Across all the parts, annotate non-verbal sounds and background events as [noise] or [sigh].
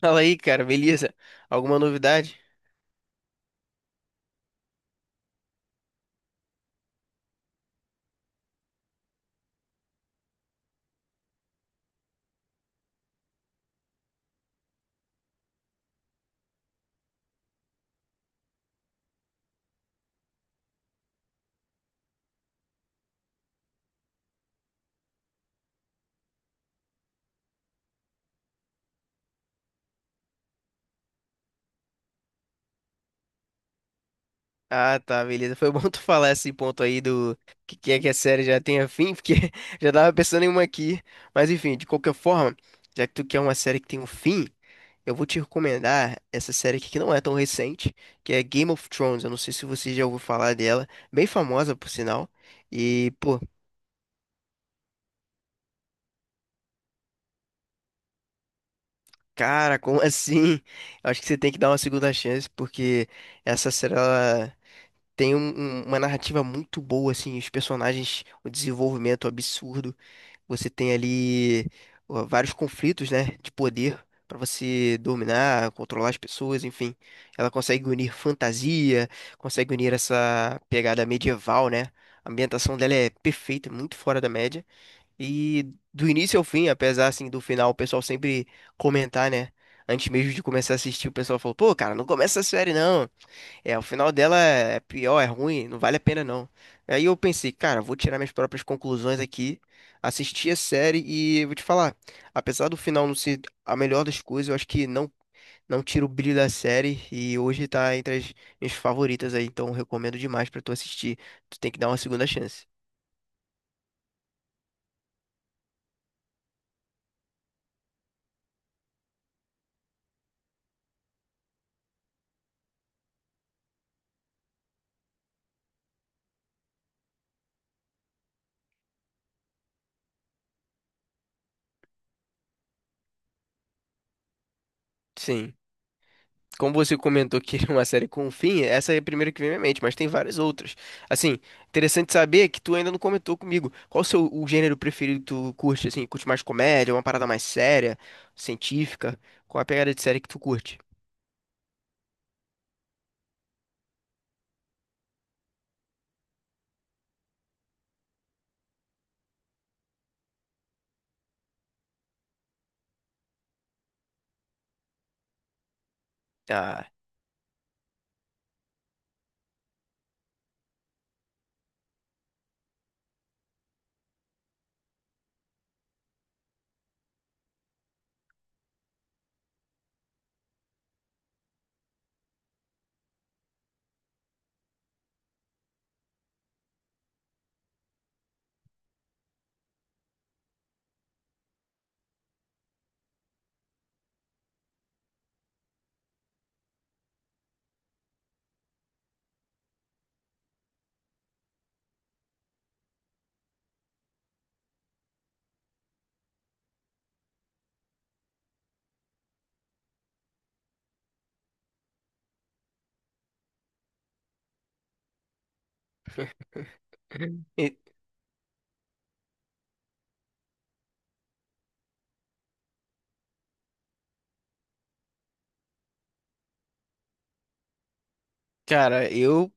Fala aí, cara, beleza? Alguma novidade? Ah, tá, beleza. Foi [laughs] bom tu falar esse ponto aí do que é que a série já tenha fim, porque [laughs] já tava pensando em uma aqui. Mas enfim, de qualquer forma, já que tu quer uma série que tem um fim, eu vou te recomendar essa série aqui que não é tão recente, que é Game of Thrones. Eu não sei se você já ouviu falar dela, bem famosa por sinal. E, pô, cara, como [laughs] assim? Eu acho que você tem que dar uma segunda chance, porque essa série ela Tem um- uma narrativa muito boa, assim, os personagens, o desenvolvimento absurdo. Você tem ali ó, vários conflitos, né, de poder pra você dominar, controlar as pessoas, enfim. Ela consegue unir fantasia, consegue unir essa pegada medieval, né? A ambientação dela é perfeita, muito fora da média. E do início ao fim, apesar assim do final, o pessoal sempre comentar, né? Antes mesmo de começar a assistir, o pessoal falou: "Pô, cara, não começa a série não. É, o final dela é pior, é ruim, não vale a pena não." Aí eu pensei, cara, vou tirar minhas próprias conclusões aqui, assistir a série e vou te falar, apesar do final não ser a melhor das coisas, eu acho que não tira o brilho da série e hoje tá entre as minhas favoritas aí, então eu recomendo demais pra tu assistir. Tu tem que dar uma segunda chance. Sim. Como você comentou que [laughs] é uma série com um fim, essa é a primeira que vem à minha mente, mas tem várias outras. Assim, interessante saber que tu ainda não comentou comigo. Qual o seu o gênero preferido que tu curte, assim? Curte mais comédia, uma parada mais séria, científica? Qual a pegada de série que tu curte? Ah, e- cara,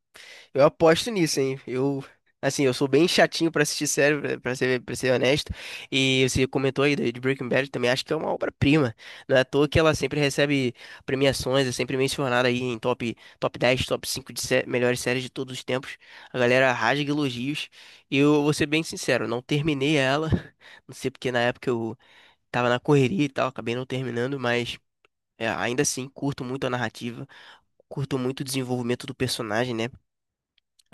eu aposto nisso, hein? Eu, assim, eu sou bem chatinho pra assistir série, pra ser honesto. E você comentou aí de Breaking Bad, também acho que é uma obra-prima. Não é à toa que ela sempre recebe premiações, é sempre mencionada aí em top, top 10, top 5 de melhores séries de todos os tempos. A galera rasga elogios. E eu vou ser bem sincero, não terminei ela. [laughs] Não sei porque na época eu tava na correria e tal, acabei não terminando, mas é, ainda assim, curto muito a narrativa. Curto muito o desenvolvimento do personagem, né?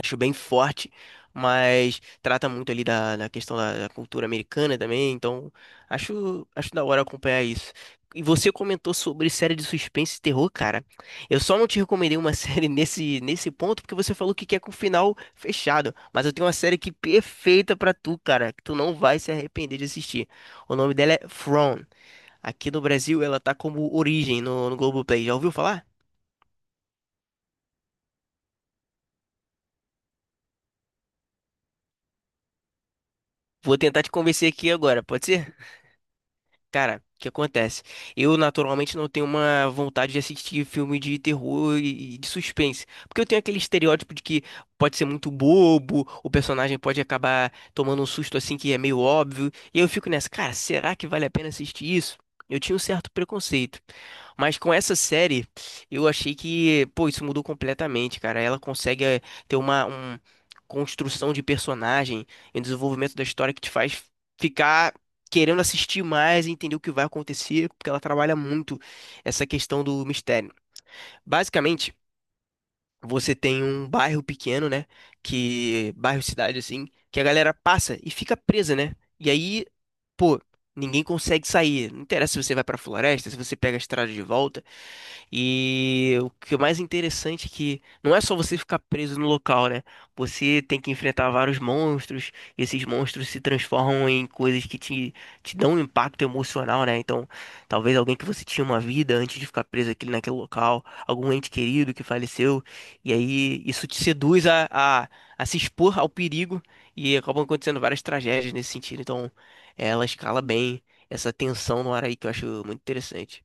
Acho bem forte, mas trata muito ali da questão da cultura americana também, então acho da hora acompanhar isso. E você comentou sobre série de suspense e terror, cara. Eu só não te recomendei uma [laughs] série nesse ponto porque você falou que quer com o final fechado. Mas eu tenho uma série que perfeita pra tu, cara, que tu não vai se arrepender de assistir. O nome dela é From. Aqui no Brasil ela tá como Origem no Globoplay. Já ouviu falar? Vou tentar te convencer aqui agora, pode ser? Cara, o que acontece? Eu naturalmente não tenho uma vontade de assistir filme de terror e de suspense, porque eu tenho aquele estereótipo de que pode ser muito bobo, o personagem pode acabar tomando um susto assim que é meio óbvio, e eu fico nessa, cara, será que vale a pena assistir isso? Eu tinha um certo preconceito, mas com essa série eu achei que, pô, isso mudou completamente, cara. Ela consegue ter uma construção de personagem e um desenvolvimento da história que te faz ficar querendo assistir mais e entender o que vai acontecer, porque ela trabalha muito essa questão do mistério. Basicamente, você tem um bairro pequeno, né? Que bairro cidade assim, que a galera passa e fica presa, né? E aí, pô, ninguém consegue sair. Não interessa se você vai pra floresta, se você pega a estrada de volta. E o que é mais interessante é que não é só você ficar preso no local, né? Você tem que enfrentar vários monstros, e esses monstros se transformam em coisas que te dão um impacto emocional, né? Então, talvez alguém que você tinha uma vida antes de ficar preso aqui naquele local, algum ente querido que faleceu, e aí isso te seduz a se expor ao perigo e acabam acontecendo várias tragédias nesse sentido. Então, ela escala bem essa tensão no ar aí que eu acho muito interessante.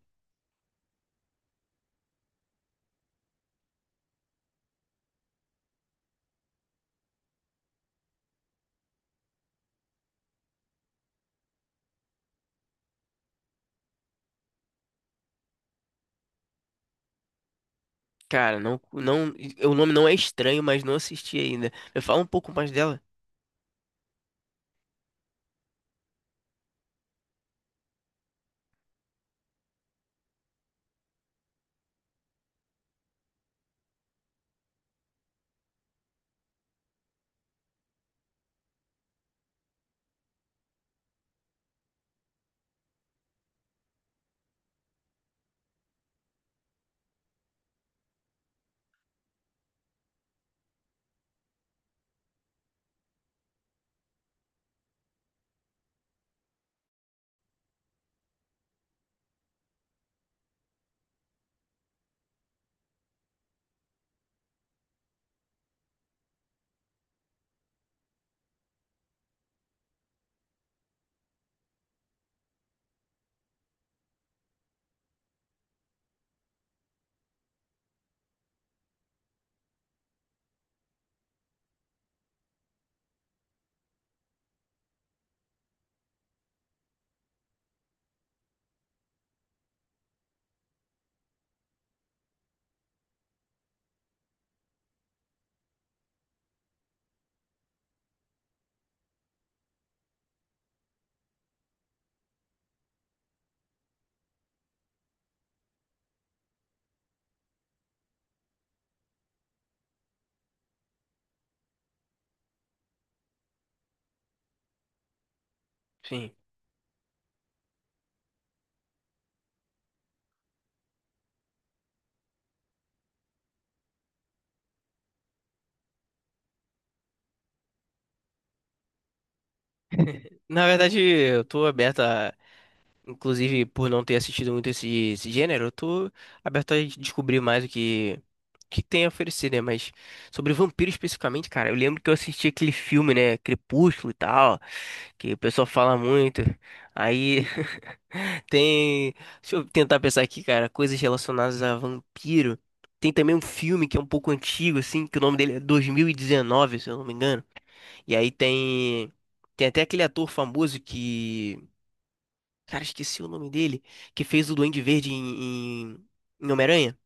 Cara, não, o nome não é estranho, mas não assisti ainda. Me fala um pouco mais dela. Sim. Na verdade, eu tô aberto a, inclusive por não ter assistido muito esse gênero, eu tô aberto a descobrir mais o que tem a oferecer, né? Mas sobre vampiro especificamente, cara, eu lembro que eu assisti aquele filme, né? Crepúsculo e tal, que o pessoal fala muito. Aí tem. Deixa eu tentar pensar aqui, cara. Coisas relacionadas a vampiro. Tem também um filme que é um pouco antigo, assim, que o nome dele é 2019, se eu não me engano. E aí tem. Tem até aquele ator famoso que. Cara, esqueci o nome dele. Que fez o Duende Verde em em Homem-Aranha.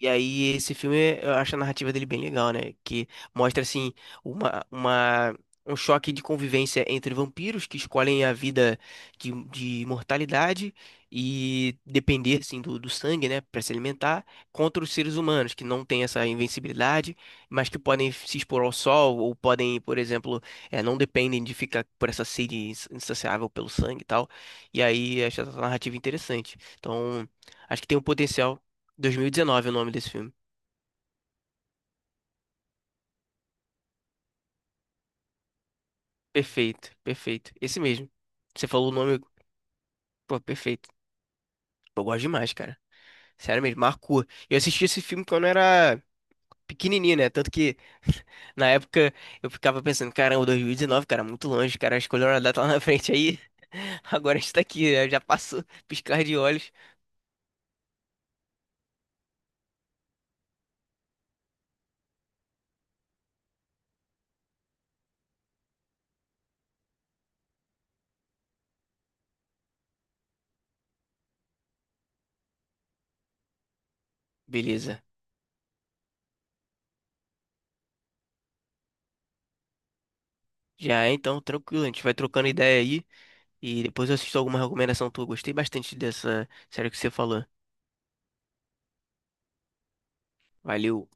E aí, esse filme, eu acho a narrativa dele bem legal, né? Que mostra, assim, uma, uma, um choque de convivência entre vampiros que escolhem a vida de imortalidade e depender, assim, do sangue, né? Para se alimentar, contra os seres humanos que não têm essa invencibilidade, mas que podem se expor ao sol ou podem, por exemplo, não dependem de ficar por essa sede insaciável pelo sangue e tal. E aí, acho essa narrativa interessante. Então, acho que tem um potencial. 2019 é o nome desse filme. Perfeito, perfeito. Esse mesmo. Você falou o nome, pô, perfeito. Eu gosto demais, cara. Sério mesmo, marcou. Eu assisti esse filme quando eu era pequenininho, né? Tanto que na época eu ficava pensando, caramba, 2019, cara, muito longe, cara, escolheram a data lá na frente aí. [laughs] Agora a gente tá aqui, né? Já passou, [laughs] piscar de olhos. Beleza. Já é, então, tranquilo. A gente vai trocando ideia aí. E depois eu assisto alguma recomendação tua. Gostei bastante dessa série que você falou. Valeu.